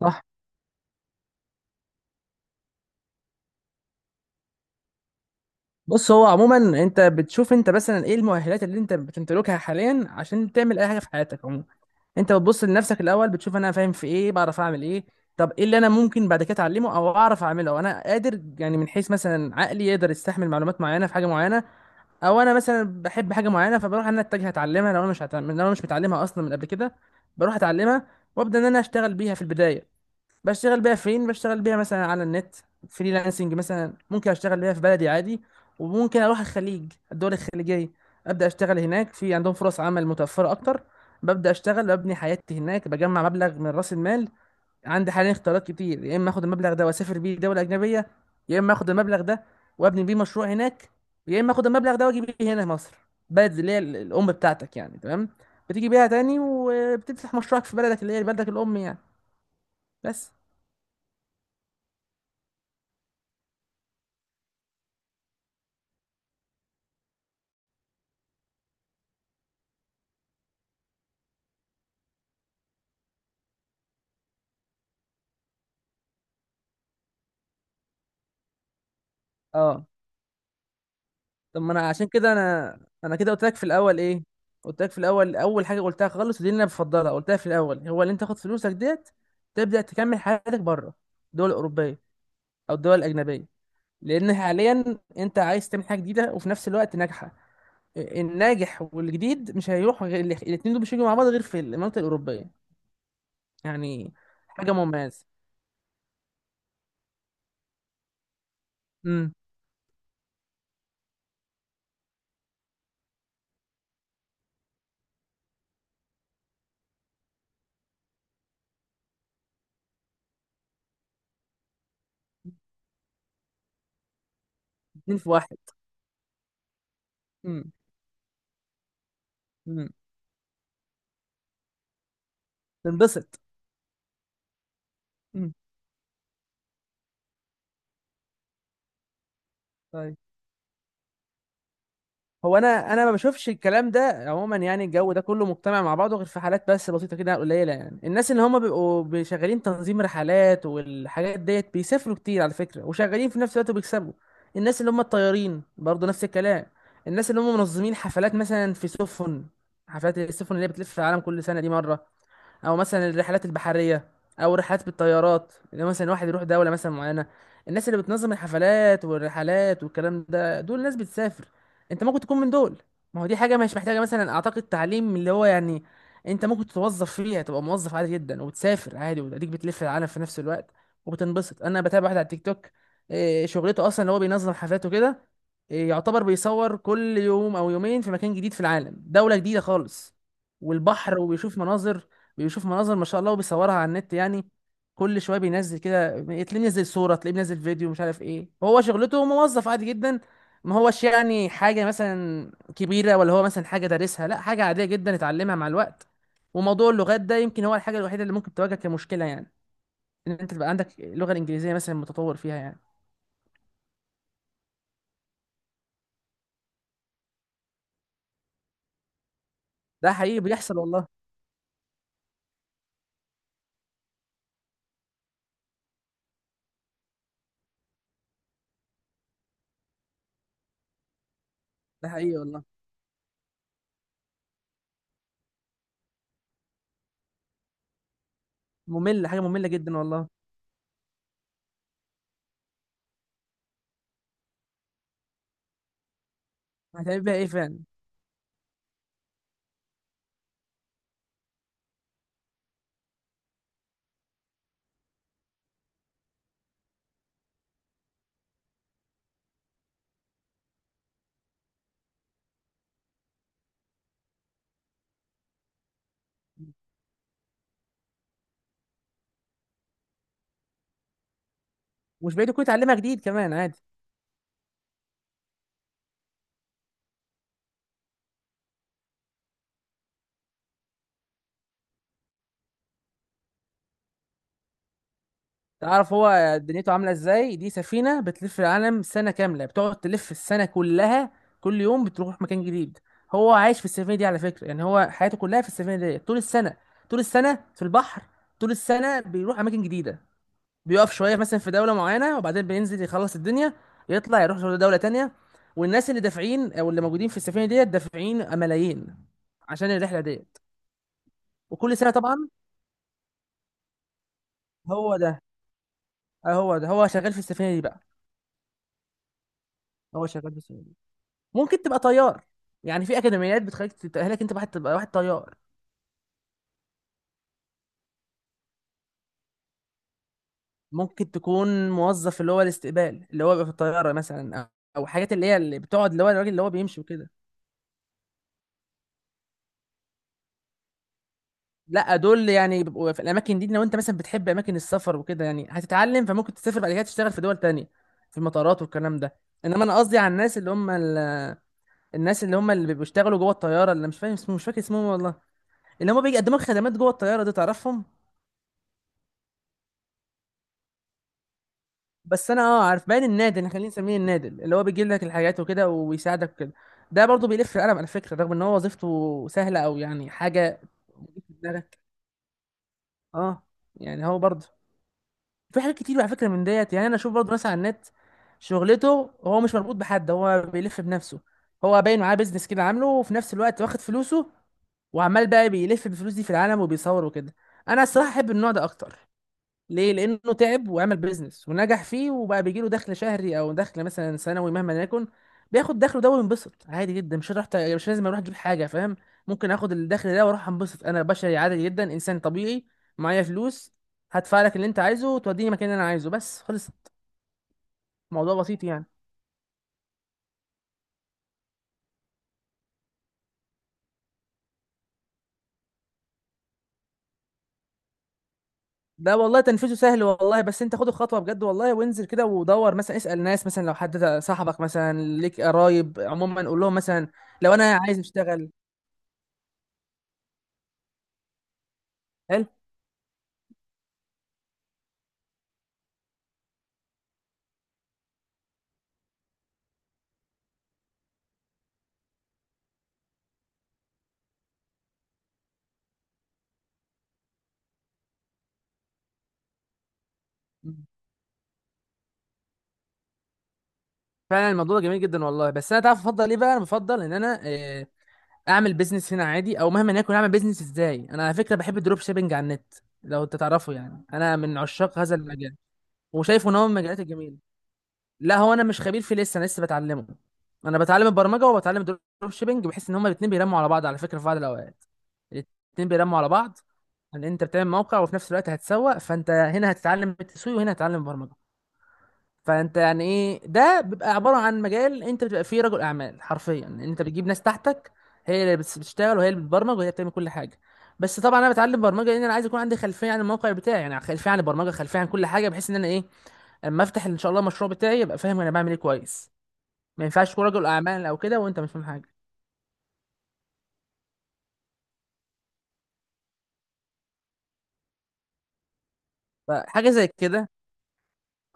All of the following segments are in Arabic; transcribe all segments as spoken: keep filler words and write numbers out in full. صح. بص هو عموما انت بتشوف انت مثلا ايه المؤهلات اللي انت بتمتلكها حاليا عشان تعمل اي حاجه في حياتك عموما. انت بتبص لنفسك الاول، بتشوف انا فاهم في ايه، بعرف اعمل ايه. طب ايه اللي انا ممكن بعد كده اتعلمه او اعرف اعمله، او انا قادر يعني من حيث مثلا عقلي يقدر يستحمل معلومات معينه في حاجه معينه، او انا مثلا بحب حاجه معينه فبروح ان انا اتجه اتعلمها. لو انا مش هتعلم... لو انا مش متعلمها اصلا من قبل كده، بروح اتعلمها وابدا ان انا اشتغل بيها في البدايه. بشتغل بيها فين؟ بشتغل بيها مثلا على النت، فريلانسنج. مثلا ممكن اشتغل بيها في بلدي عادي، وممكن اروح الخليج، الدول الخليجيه، ابدا اشتغل هناك، في عندهم فرص عمل متوفره اكتر. ببدا اشتغل، ببني حياتي هناك، بجمع مبلغ من راس المال. عندي حاليا اختيارات كتير، يا اما اخد المبلغ ده واسافر بيه دوله اجنبيه، يا اما اخد المبلغ ده وابني بيه مشروع هناك، يا اما اخد المبلغ ده واجي بيه هنا مصر، بلد اللي هي ال- الام بتاعتك يعني، تمام؟ بتيجي بيها تاني وبتفتح مشروعك في بلدك اللي هي بلدك الام يعني. بس. اه، طب ما انا عشان كده، انا انا كده قلت لك في الاول ايه، قلت لك في الاول، اول حاجه قلتها خالص ودي اللي انا بفضلها، قلتها في الاول، هو اللي انت تاخد فلوسك ديت، تبدا تكمل حياتك بره، الدول الاوروبيه او الدول الاجنبيه. لان حاليا انت عايز تعمل حاجه جديده وفي نفس الوقت ناجحه. الناجح والجديد مش هيروح، غير الاثنين دول مش هيجوا مع بعض غير في المنطقه الاوروبيه يعني، حاجه مميزه. امم. اتنين في واحد. امم. امم. تنبسط. امم. طيب. هو انا انا ما بشوفش الكلام ده عموما يعني، الجو ده كله مجتمع مع بعضه، غير في حالات بس بسيطه كده قليله يعني. الناس اللي هم بيبقوا شغالين تنظيم رحلات والحاجات ديت، بيسافروا كتير على فكره وشغالين في نفس الوقت وبيكسبوا. الناس اللي هم الطيارين برضه نفس الكلام. الناس اللي هم منظمين حفلات مثلا في سفن، حفلات السفن اللي هي بتلف في العالم كل سنه دي مره، او مثلا الرحلات البحريه، او رحلات بالطيارات اللي هو مثلا واحد يروح دوله مثلا معينه. الناس اللي بتنظم الحفلات والرحلات والكلام ده، دول ناس بتسافر. انت ممكن تكون من دول. ما هو دي حاجه مش محتاجه مثلا اعتقد تعليم اللي هو يعني، انت ممكن تتوظف فيها، تبقى موظف عادي جدا وتسافر عادي وتديك بتلف العالم في نفس الوقت وبتنبسط. انا بتابع واحد على التيك توك، إيه، شغلته اصلا ان هو بينظم حفلاته كده، إيه، يعتبر بيصور كل يوم او يومين في مكان جديد في العالم، دولة جديدة خالص. والبحر وبيشوف مناظر، بيشوف مناظر ما شاء الله، وبيصورها على النت يعني. كل شويه بينزل كده، تلاقيه منزل صوره، تلاقيه منزل فيديو، مش عارف ايه. هو شغلته موظف عادي جدا، ما هوش يعني حاجه مثلا كبيره، ولا هو مثلا حاجه دارسها، لا، حاجه عاديه جدا اتعلمها مع الوقت. وموضوع اللغات ده يمكن هو الحاجه الوحيده اللي ممكن تواجهك كمشكله يعني، ان انت تبقى عندك اللغه الانجليزيه مثلا متطور فيها يعني. ده حقيقي بيحصل والله. ده حقيقي والله. ممل، حاجه ممله جدا والله. هتعمل بيها ايه فعلا. مش بعيد يكون اتعلمها جديد كمان عادي. تعرف هو دنيته عامله ازاي؟ دي سفينه بتلف العالم سنه كامله، بتقعد تلف السنه كلها، كل يوم بتروح مكان جديد. هو عايش في السفينه دي على فكره يعني، هو حياته كلها في السفينه دي طول السنه، طول السنه في البحر، طول السنه بيروح اماكن جديده. بيقف شويه مثلا في دوله معينه، وبعدين بينزل يخلص الدنيا، يطلع يروح دوله تانية. والناس اللي دافعين او اللي موجودين في السفينه ديت دافعين ملايين عشان الرحله ديت، وكل سنه طبعا. هو ده. آه، هو ده. هو شغال في السفينه دي بقى، هو شغال في السفينه. ممكن تبقى طيار، يعني في اكاديميات بتخليك تتاهلك انت واحد تبقى واحد طيار. ممكن تكون موظف اللي هو الاستقبال اللي هو بيبقى في الطياره مثلا، او أو حاجات اللي هي اللي بتقعد، اللي هو الراجل اللي هو بيمشي وكده. لا، دول يعني بيبقوا في الاماكن دي، لو انت مثلا بتحب اماكن السفر وكده يعني هتتعلم، فممكن تسافر بعد كده تشتغل في دول تانية، في المطارات والكلام ده. انما انا قصدي على الناس اللي هم ال... الناس اللي هم اللي بيشتغلوا جوه الطياره، اللي مش فاهم اسمه، مش فاكر اسمهم والله، اللي هم بيقدموا لك خدمات جوه الطياره دي، تعرفهم. بس انا اه عارف، باين النادل، احنا خلينا نسميه النادل، اللي هو بيجيب لك الحاجات وكده وبيساعدك وكده. ده برضه بيلف القلم على فكره، رغم ان هو وظيفته سهله او يعني حاجه في دماغك. اه. يعني هو برضه في حاجات كتير على فكره من ديت يعني، انا اشوف برضه ناس على النت، شغلته هو مش مربوط بحد، هو بيلف بنفسه، هو باين معاه بيزنس كده عامله، وفي نفس الوقت واخد فلوسه وعمال بقى بيلف بالفلوس دي في العالم وبيصور وكده. انا الصراحه احب النوع ده اكتر، ليه؟ لانه تعب وعمل بيزنس ونجح فيه، وبقى بيجيله دخل شهري او دخل مثلا سنوي مهما يكن، بياخد دخله ده وينبسط عادي جدا. مش رحت، مش لازم اروح اجيب حاجه، فاهم. ممكن اخد الدخل ده واروح انبسط، انا بشري عادي جدا، انسان طبيعي، معايا فلوس، هدفع لك اللي انت عايزه وتوديني مكان اللي انا عايزه، بس خلص. الموضوع بسيط يعني. ده والله تنفيذه سهل والله، بس انت خد الخطوه بجد والله، وانزل كده ودور، مثلا اسال ناس، مثلا لو حد صاحبك مثلا، ليك قرايب عموما، قول لهم مثلا لو انا عايز اشتغل. حلو. فعلا الموضوع ده جميل جدا والله، بس انا تعرف افضل ايه بقى؟ انا بفضل ان انا آه، اعمل بيزنس هنا عادي، او مهما يكون. اعمل بيزنس ازاي؟ انا على فكره بحب الدروب شيبنج على النت، لو انت تعرفه يعني، انا من عشاق هذا المجال، وشايفه ان هو من المجالات الجميله. لا، هو انا مش خبير فيه لسه، انا لسه بتعلمه. انا بتعلم البرمجه وبتعلم الدروب شيبنج، بحيث ان هما الاثنين بيرموا على بعض على فكره، في بعض الاوقات الاثنين بيرموا على بعض. ان انت بتعمل موقع وفي نفس الوقت هتسوق، فانت هنا هتتعلم التسويق وهنا هتتعلم البرمجه. فانت يعني ايه، ده بيبقى عباره عن مجال انت بتبقى فيه رجل اعمال حرفيا، انت بتجيب ناس تحتك، هي اللي بتس- بتشتغل، وهي اللي بتبرمج، وهي اللي بتعمل كل حاجه. بس طبعا انا بتعلم برمجه، لان انا عايز يكون عندي خلفيه عن الموقع بتاعي، يعني خلفيه عن البرمجه، خلفيه عن كل حاجه، بحيث ان انا ايه، اما افتح ان شاء الله المشروع بتاعي، ابقى فاهم انا بعمل ايه كويس. ما ينفعش تكون رجل اعمال او كده وانت مش فاهم حاجه. فحاجه زي كده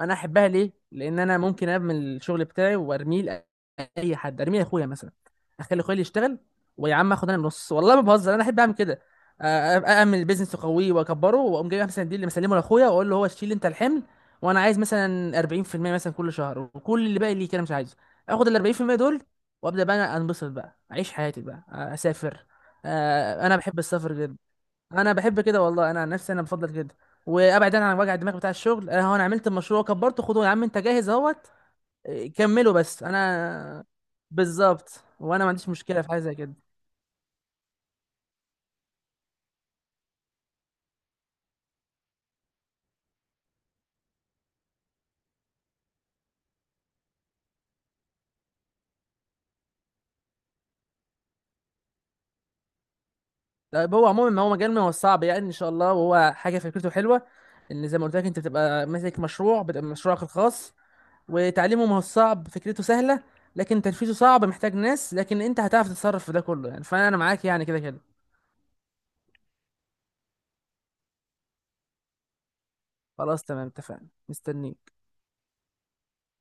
انا احبها، ليه؟ لان انا ممكن ابني الشغل بتاعي وارميه لاي حد، ارميه لاخويا مثلا، اخلي اخويا اللي يشتغل، ويا عم اخد انا النص، والله ما بهزر، انا احب اعمل كده. أ- أ- اعمل بيزنس واقويه واكبره، واقوم جايب مثلا دي اللي مسلمه لاخويا، واقول له هو شيل انت الحمل، وانا عايز مثلا اربعين في المية مثلا كل شهر، وكل اللي باقي ليك انا مش عايزه. اخد ال اربعين في المية دول، وابدا بقى انا انبسط بقى، اعيش حياتي بقى، اسافر. أ- انا بحب السفر جدا. انا بحب كده والله، انا عن نفسي انا بفضل كده، وابعد انا عن وجع الدماغ بتاع الشغل. انا هو انا عملت المشروع، كبرته، خدوه يا عم، انت جاهز اهوت، إيه، كمله. بس انا بالظبط، وانا ما عنديش مشكله في حاجه زي كده. طيب، هو عموما ما هو مجال ما هو صعب يعني ان شاء الله، وهو حاجه فكرته حلوه، ان زي ما قلت لك، انت بتبقى ماسك مشروع، بتبقى مشروعك الخاص، وتعليمه ما هو صعب، فكرته سهله، لكن تنفيذه صعب، محتاج ناس، لكن انت هتعرف تتصرف في ده كله يعني، فانا معاك يعني كده كده. خلاص تمام، اتفقنا، مستنيك.